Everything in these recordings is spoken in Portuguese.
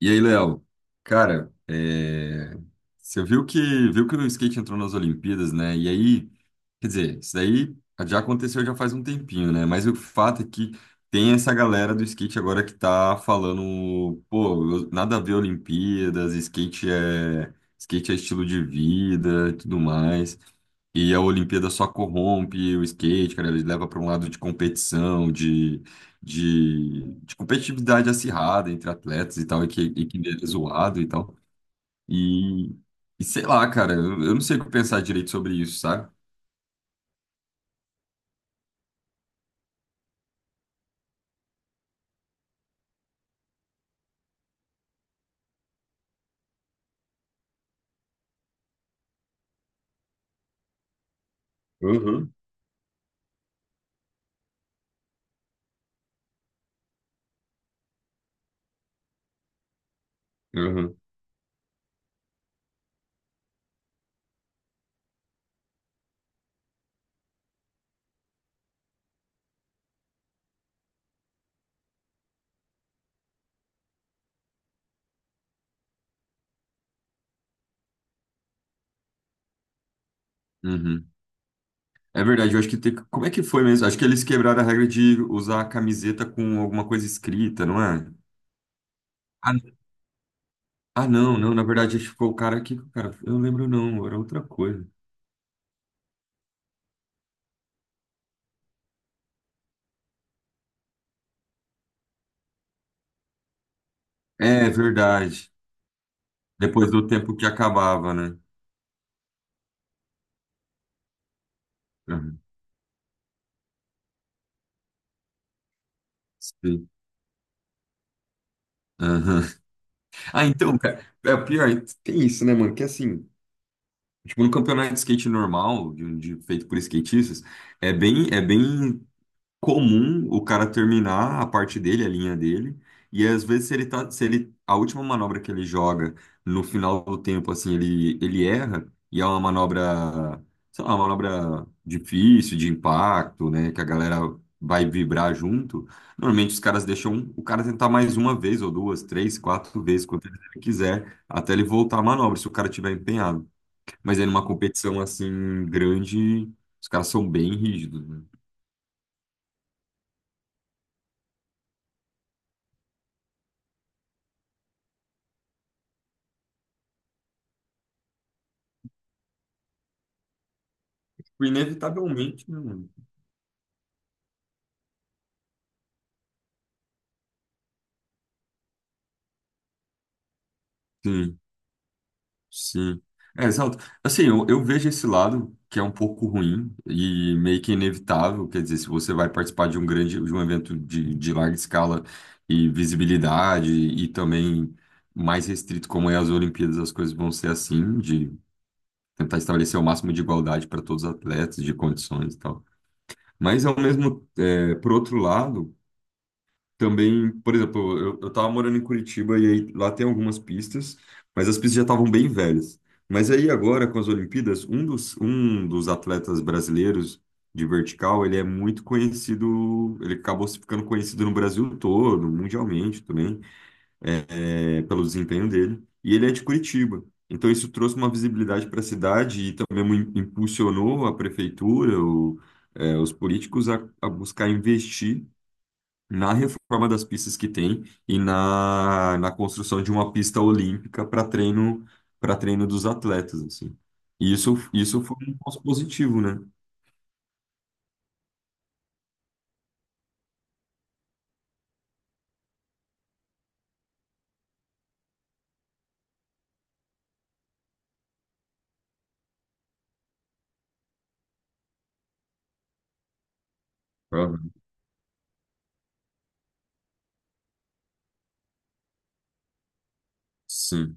E aí, Léo, cara, você viu que o skate entrou nas Olimpíadas, né? Quer dizer, isso daí já aconteceu já faz um tempinho, né? Mas o fato é que tem essa galera do skate agora que tá falando, pô, nada a ver Olimpíadas, skate é estilo de vida, e tudo mais. E a Olimpíada só corrompe o skate, cara, ele leva para um lado de de competitividade acirrada entre atletas e tal, e que é zoado e tal. E, e sei lá, cara, eu não sei o que pensar direito sobre isso, sabe? Uhum, uhum. É verdade, eu acho que Como é que foi mesmo? Acho que eles quebraram a regra de usar a camiseta com alguma coisa escrita, não é? Ah, ah, não, na verdade, acho que ficou o cara aqui, o cara... Eu não lembro não, era outra coisa. É verdade. Depois do tempo que acabava, né? Uhum. Sim. Aham. Ah, então, cara, é pior, tem isso, né, mano? Que assim, tipo, no campeonato de skate normal, feito por skatistas, é bem comum o cara terminar a parte dele, a linha dele, e às vezes se ele tá, se ele, a última manobra que ele joga no final do tempo, assim, ele erra, e é uma manobra, sei lá, uma manobra difícil, de impacto, né, que a galera vai vibrar junto, normalmente os caras deixam o cara tentar mais uma vez, ou duas, três, quatro vezes, quanto ele quiser, até ele voltar a manobra, se o cara tiver empenhado. Mas aí numa competição, assim, grande, os caras são bem rígidos, né. Inevitavelmente, né, mano? Sim, sim. É, exato. Assim, eu vejo esse lado que é um pouco ruim e meio que inevitável. Quer dizer, se você vai participar de de um evento de larga escala e visibilidade e também mais restrito, como é as Olimpíadas, as coisas vão ser assim, de tentar estabelecer o máximo de igualdade para todos os atletas, de condições e tal. Mas, ao mesmo, é, por outro lado, também, por exemplo, eu tava morando em Curitiba e aí lá tem algumas pistas, mas as pistas já estavam bem velhas. Mas aí agora, com as Olimpíadas, um dos atletas brasileiros de vertical, ele é muito conhecido, ele acabou se ficando conhecido no Brasil todo, mundialmente também, pelo desempenho dele. E ele é de Curitiba. Então isso trouxe uma visibilidade para a cidade e também impulsionou a prefeitura, os políticos a buscar investir na reforma das pistas que tem e na construção de uma pista olímpica para treino dos atletas assim. E isso foi um ponto positivo, né? Aham, sim.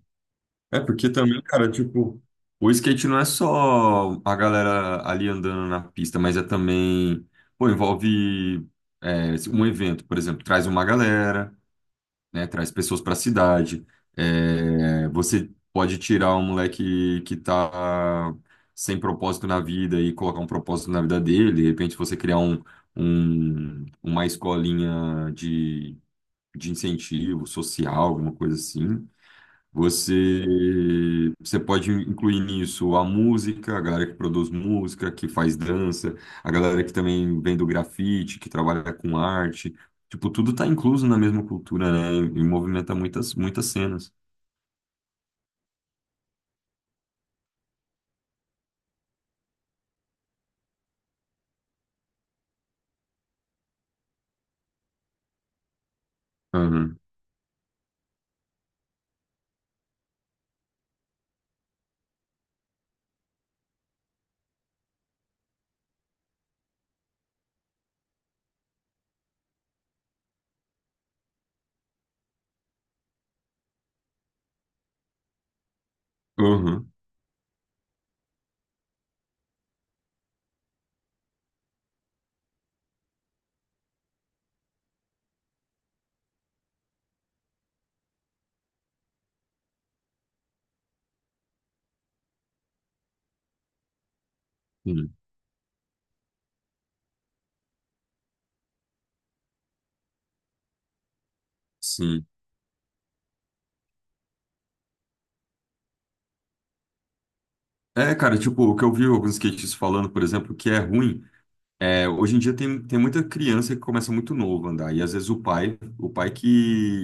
É porque também, cara, tipo, o skate não é só a galera ali andando na pista, mas é também, pô, envolve é, um evento, por exemplo, traz uma galera, né? Traz pessoas para a cidade. É, você pode tirar um moleque que tá sem propósito na vida e colocar um propósito na vida dele. De repente, você criar uma escolinha de incentivo social, alguma coisa assim. Você pode incluir nisso a música, a galera que produz música, que faz dança, a galera que também vem do grafite, que trabalha com arte. Tipo, tudo tá incluso na mesma cultura, né? E movimenta muitas cenas. Aham, aham, sim, sim. É, cara, tipo, o que eu vi alguns skatistas falando, por exemplo, que é ruim. É, hoje em dia tem muita criança que começa muito novo a andar, e às vezes o pai que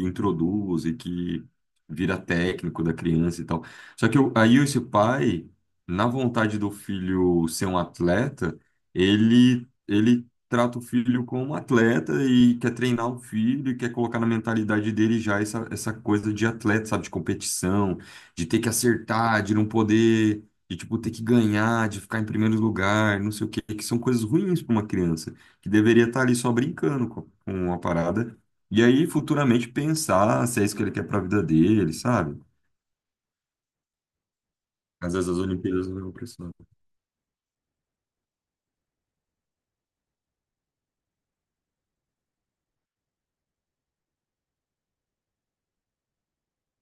introduz e que vira técnico da criança e tal. Só que aí esse pai, na vontade do filho ser um atleta, ele trata o filho como um atleta e quer treinar o filho e quer colocar na mentalidade dele essa coisa de atleta, sabe, de competição, de ter que acertar, de não poder de tipo ter que ganhar, de ficar em primeiro lugar, não sei o quê, que são coisas ruins para uma criança que deveria estar ali só brincando com a parada e aí futuramente pensar se é isso que ele quer para a vida dele, sabe? Às vezes as Olimpíadas não é opressão.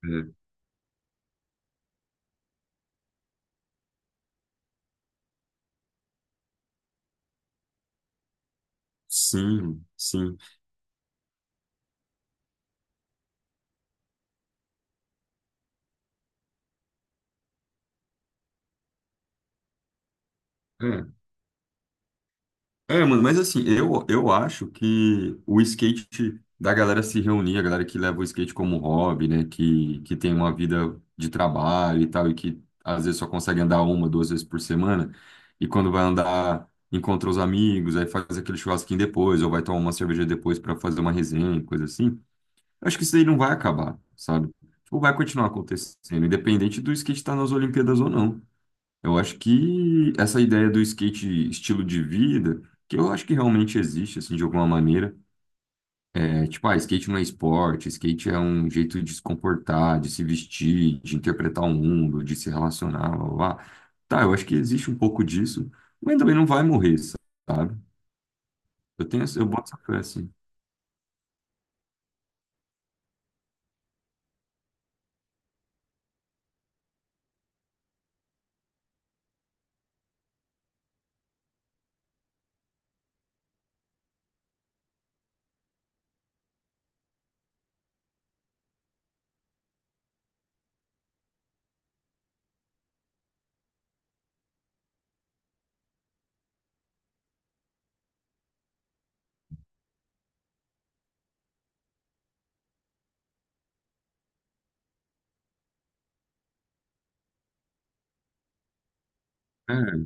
É. Sim, sim. É. É, mano, mas assim, eu acho que o skate da galera se reunir, a galera que leva o skate como hobby, né, que tem uma vida de trabalho e tal, e que às vezes só consegue andar uma, duas vezes por semana, e quando vai andar, encontra os amigos, aí faz aquele churrasquinho depois, ou vai tomar uma cerveja depois para fazer uma resenha, coisa assim. Eu acho que isso aí não vai acabar, sabe? Tipo, vai continuar acontecendo, independente do skate estar nas Olimpíadas ou não. Eu acho que essa ideia do skate estilo de vida, que eu acho que realmente existe, assim, de alguma maneira. É, tipo, ah, skate não é esporte, skate é um jeito de se comportar, de se vestir, de interpretar o mundo, de se relacionar, blá, blá, blá. Tá, eu acho que existe um pouco disso, mas também não vai morrer, sabe? Eu tenho, eu boto essa fé, assim. É,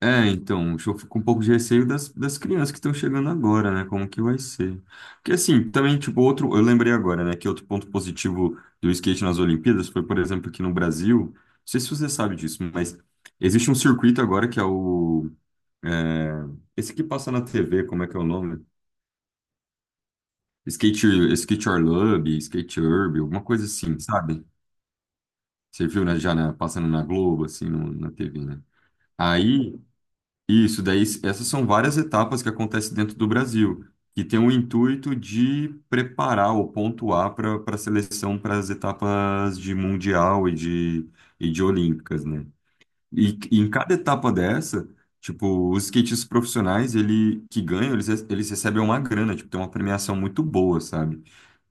é, então, eu fico um pouco de receio das crianças que estão chegando agora, né? Como que vai ser? Porque, assim, também, tipo, outro. Eu lembrei agora, né? Que outro ponto positivo do skate nas Olimpíadas foi, por exemplo, que no Brasil. Não sei se você sabe disso, mas existe um circuito agora que é é, esse que passa na TV, como é que é o nome? Skate, Skate Orlub, Skate Urb, alguma coisa assim, sabe? Você viu, né? Passando na Globo, assim, na TV, né? Aí. Isso, essas são várias etapas que acontecem dentro do Brasil, que tem o intuito de preparar ou pontuar para a seleção para as etapas de Mundial e de Olímpicas, né? E em cada etapa dessa, tipo, os skatistas profissionais, eles, eles recebem uma grana, tipo, tem uma premiação muito boa, sabe?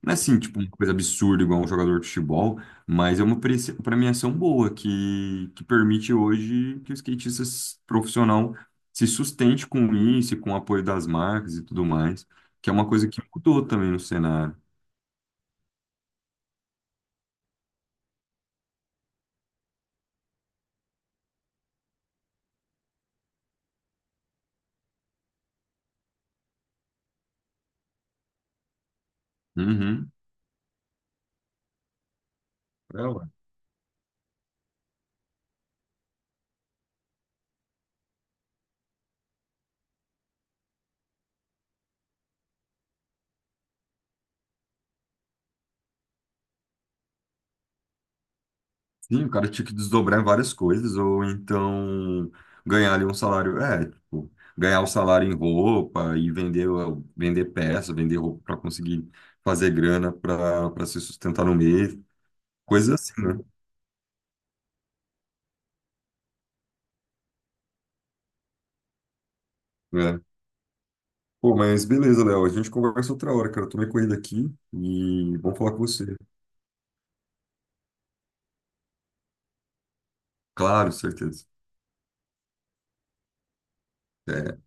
Não é assim, tipo, uma coisa absurda igual um jogador de futebol, mas é uma premiação boa que permite hoje que o profissional se sustente com isso, e com o apoio das marcas e tudo mais, que é uma coisa que mudou também no cenário. Uhum. Sim, o cara tinha que desdobrar em várias coisas, ou então ganhar ali um salário, é, tipo, ganhar o salário em roupa e vender peça, vender roupa para conseguir fazer grana para se sustentar no mês, coisas assim, né? É. Pô, mas beleza, Léo, a gente conversa outra hora, cara. Eu tô meio corrido aqui e bom falar com você. Claro, certeza. Até.